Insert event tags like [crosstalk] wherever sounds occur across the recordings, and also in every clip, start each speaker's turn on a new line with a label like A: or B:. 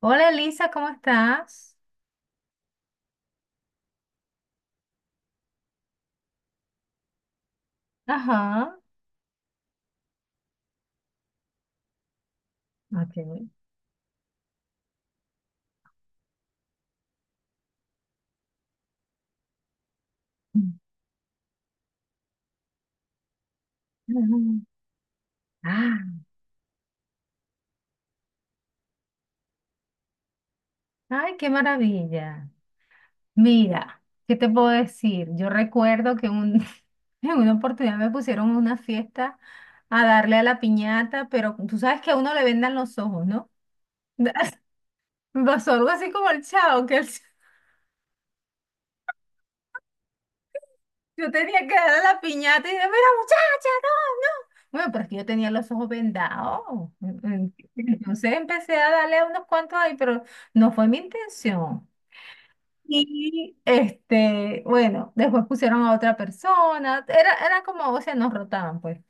A: Hola Elisa, ¿cómo estás? Ajá. Ok. Ujú. Ah, ay, qué maravilla. Mira, ¿qué te puedo decir? Yo recuerdo que [laughs] en una oportunidad me pusieron a una fiesta a darle a la piñata, pero tú sabes que a uno le vendan los ojos, ¿no? [laughs] Pasó algo así como el chavo, que el [laughs] yo tenía que darle a la piñata y dije, mira, muchacha. Bueno, pero es que yo tenía los ojos vendados. Mm. Entonces empecé a darle a unos cuantos ahí, pero no fue mi intención. Y bueno, después pusieron a otra persona. Era como, o sea, nos rotaban, pues.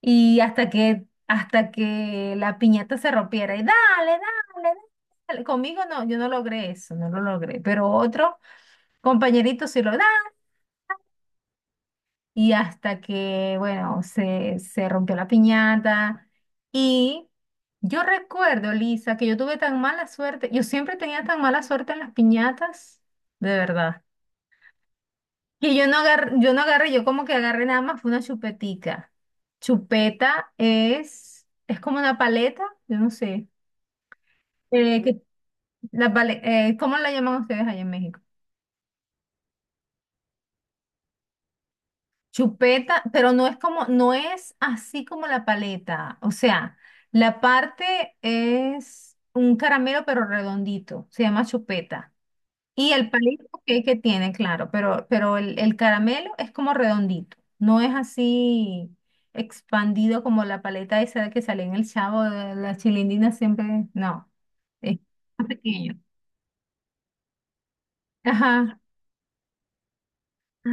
A: Y hasta que la piñata se rompiera. Y dale, dale, dale. Conmigo no, yo no logré eso, no lo logré. Pero otro compañerito sí lo, dale, y hasta que, bueno, se rompió la piñata. Y yo recuerdo, Lisa, que yo tuve tan mala suerte, yo siempre tenía tan mala suerte en las piñatas, de verdad, que yo no agarré, yo como que agarré nada más, fue una chupetica. Chupeta es como una paleta, yo no sé, eh, que, la ¿cómo la llaman ustedes allá en México? Chupeta, pero no es como, no es así como la paleta. O sea, la parte es un caramelo pero redondito, se llama chupeta. Y el palito que tiene, claro, pero el caramelo es como redondito, no es así expandido como la paleta esa que sale en el Chavo, de la chilindina siempre, no, es más pequeño. Ajá. Ah,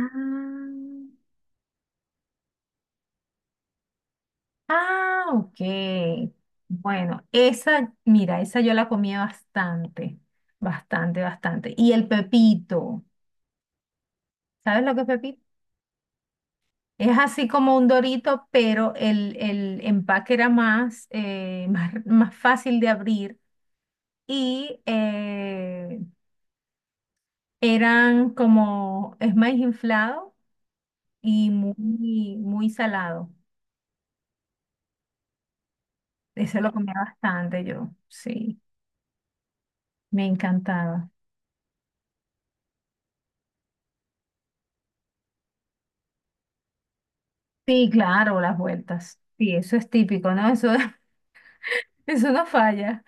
A: ah, ok. Bueno, esa, mira, esa yo la comía bastante, bastante. Y el pepito, ¿sabes lo que es pepito? Es así como un dorito, pero el empaque era más, [laughs] más fácil de abrir y eran como, es más inflado y muy salado. Ese lo comía bastante yo, sí, me encantaba. Sí, claro, las vueltas. Sí, eso es típico, ¿no? Eso, [laughs] eso no falla.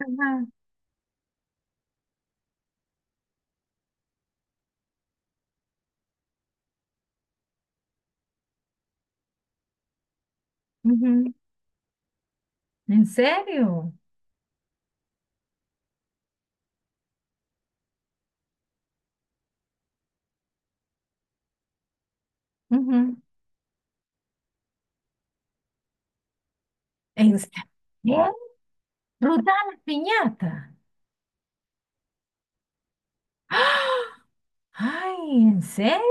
A: Ajá, ujú. ¿En serio? Ujú. ¿En serio? ¿Ruta a las piñatas? ¡Ah! [gasps] Ay, ¿en serio?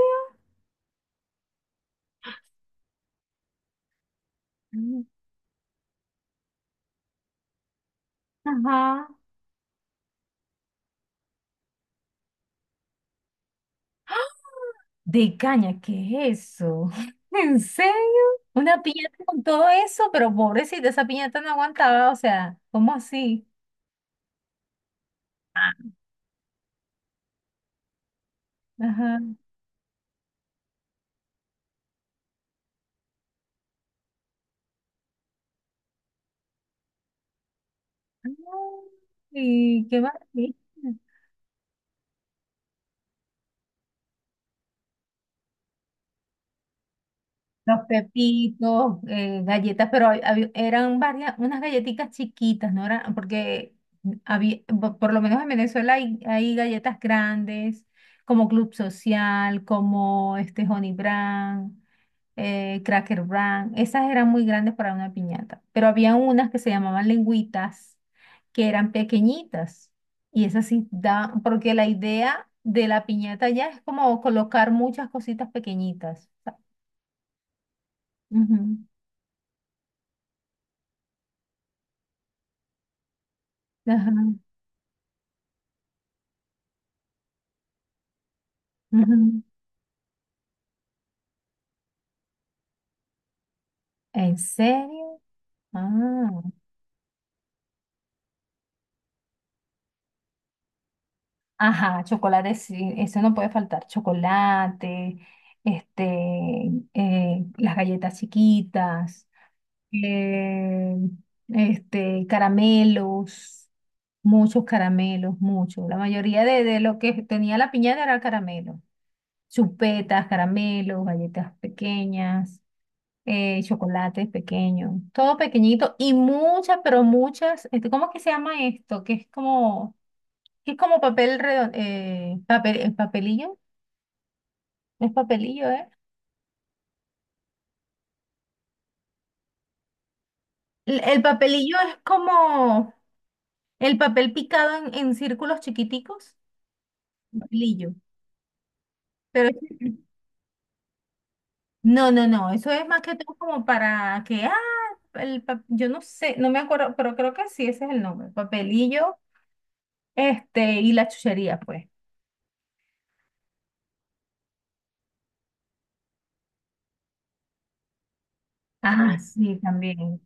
A: Mm. Ajá. De caña, ¿qué es eso? [laughs] ¿En serio? Una piñata con todo eso, pero pobrecita, esa piñata no aguantaba, o sea, ¿cómo así? Ajá. Ay, qué maravilla. Los pepitos, galletas, pero eran varias, unas galletitas chiquitas, ¿no? Eran, porque por lo menos en Venezuela hay galletas grandes, como Club Social, como este Honey Brand, Cracker Brand. Esas eran muy grandes para una piñata, pero había unas que se llamaban lengüitas, que eran pequeñitas. Y esas sí daban, porque la idea de la piñata ya es como colocar muchas cositas pequeñitas. Ujú. Ajá, ujú. ¿En serio? Ah, ajá, chocolate, sí, eso no puede faltar. Chocolate, las galletas chiquitas, eh, caramelos, muchos caramelos, muchos. La mayoría de lo que tenía la piñata era caramelo. Chupetas, caramelos, galletas pequeñas, chocolates pequeños, todo pequeñito y muchas, este, ¿cómo es que se llama esto? Que es como papel redondo, papel, el papelillo, no es papelillo, ¿eh? El papelillo es como el papel picado en círculos chiquiticos, papelillo, pero no, no, no, eso es más que todo como para que, ah, yo no sé, no me acuerdo, pero creo que sí, ese es el nombre, papelillo, este, y la chuchería, pues. Ah, sí, también.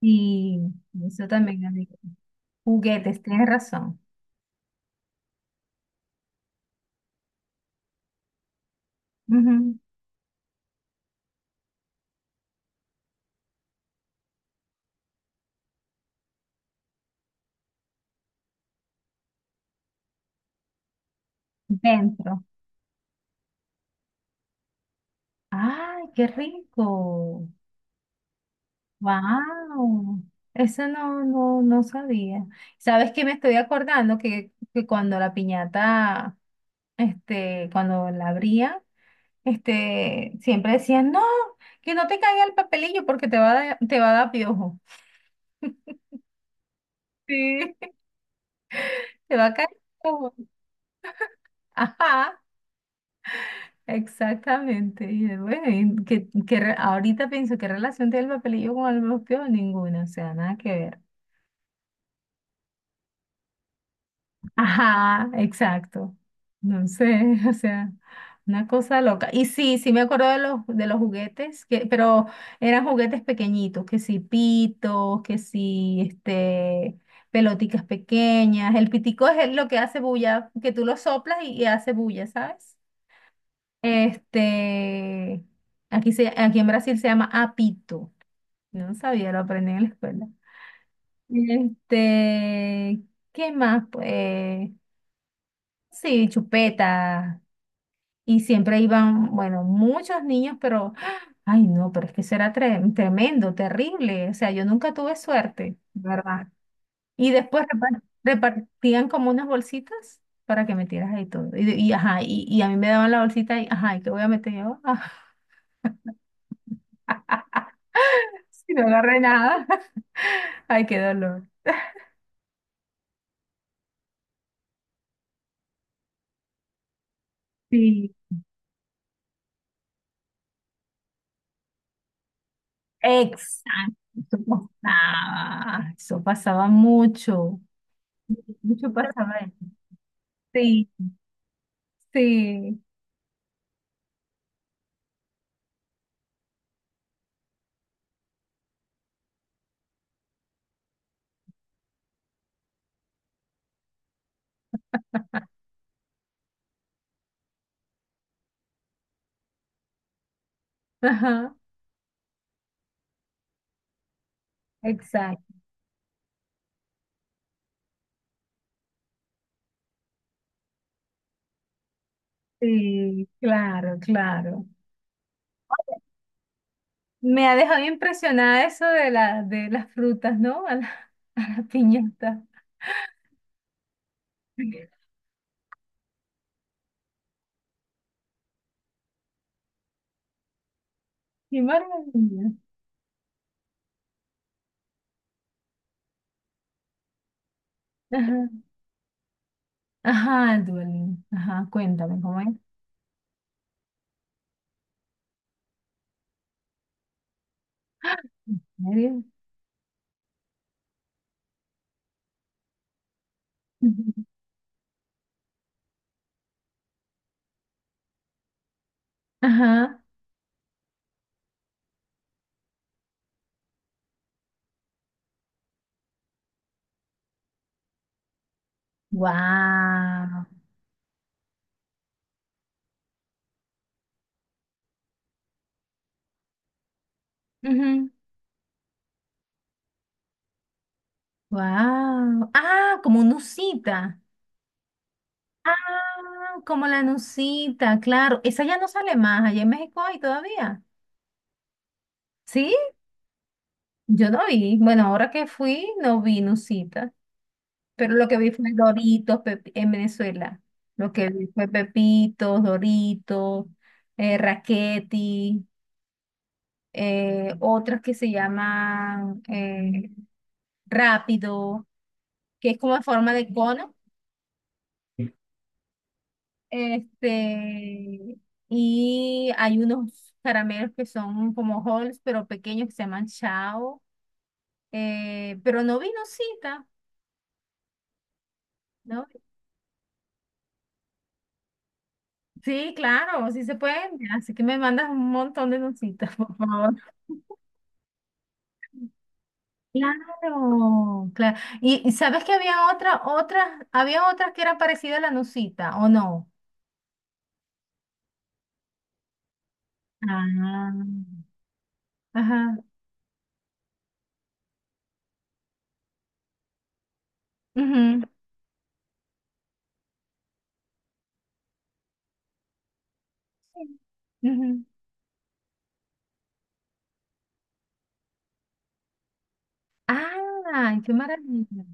A: Y eso también, amigo. Juguetes, tienes razón. Ujú. Dentro. ¡Ay, qué rico! ¡Wow! Eso no, no, no sabía. ¿Sabes qué me estoy acordando? Que cuando la piñata, cuando la abría, siempre decían, no, que no te caiga el papelillo porque te va a, te va a dar piojo. [laughs] Sí, te va a caer piojo. Ajá. Exactamente. Y bueno, y ahorita pienso qué relación tiene el papelillo con el mosqueo, ninguna, o sea, nada que ver. [laughs] Ajá, exacto. No sé, [laughs] o sea, una cosa loca. Y sí, sí me acuerdo de de los juguetes, que, pero eran juguetes pequeñitos, que sí, pitos, que sí, este, pelotitas pequeñas. El pitico es lo que hace bulla, que tú lo soplas y hace bulla, ¿sabes? Este, aquí, aquí en Brasil se llama apito. No sabía, lo aprendí en la escuela. Este, ¿qué más? Pues sí, chupeta. Y siempre iban, bueno, muchos niños, pero, ¡ah! Ay no, pero es que eso era tremendo, terrible. O sea, yo nunca tuve suerte, ¿verdad? Y después repartían como unas bolsitas para que metieras ahí todo. Y, ajá, y a mí me daban la bolsita y, ajá, ¿y qué voy a meter yo? [laughs] Si no agarré nada. Ay, qué dolor. Sí, exacto, eso pasaba mucho, mucho pasaba. Eso. Sí, sí, ajá, exacto, sí, claro, claro. Me ha dejado impresionada eso de de las frutas, ¿no? A la, [laughs] a la piñata. Qué maravilla. Ajá, ajá, el duelo. Ajá, cuéntame, ¿cómo es? ¿En serio? Ujú. Ajá, wow. Wow. Ah, como nucita. Ah, como la nucita, claro. Esa ya no sale más. Allá en México hay todavía. ¿Sí? Yo no vi. Bueno, ahora que fui, no vi nucita. Pero lo que vi fue en Venezuela. Lo que vi fue Pepitos, Doritos, Raquetti, otras que se llaman Rápido, que es como en forma de cono. Este, y hay unos caramelos que son como Halls, pero pequeños que se llaman Chao. Pero no vi nocita, ¿no? Sí, claro, sí se pueden. Así que me mandas un montón de nocitas, [laughs] por favor. Claro, claro. Y sabes que había otras, había otras que eran parecidas a la nocita, ¿o no? Ah, ajá, ujú, sí, ujú. Ah, qué maravilla.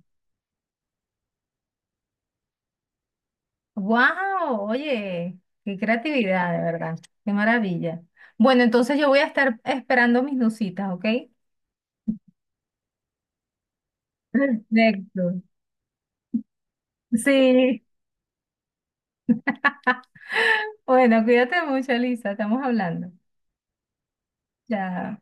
A: Wow, oye, qué creatividad, de verdad, qué maravilla. Bueno, entonces yo voy a estar esperando mis nucitas, ¿ok? Perfecto. Sí. [laughs] Bueno, cuídate mucho, Lisa, estamos hablando. Chao.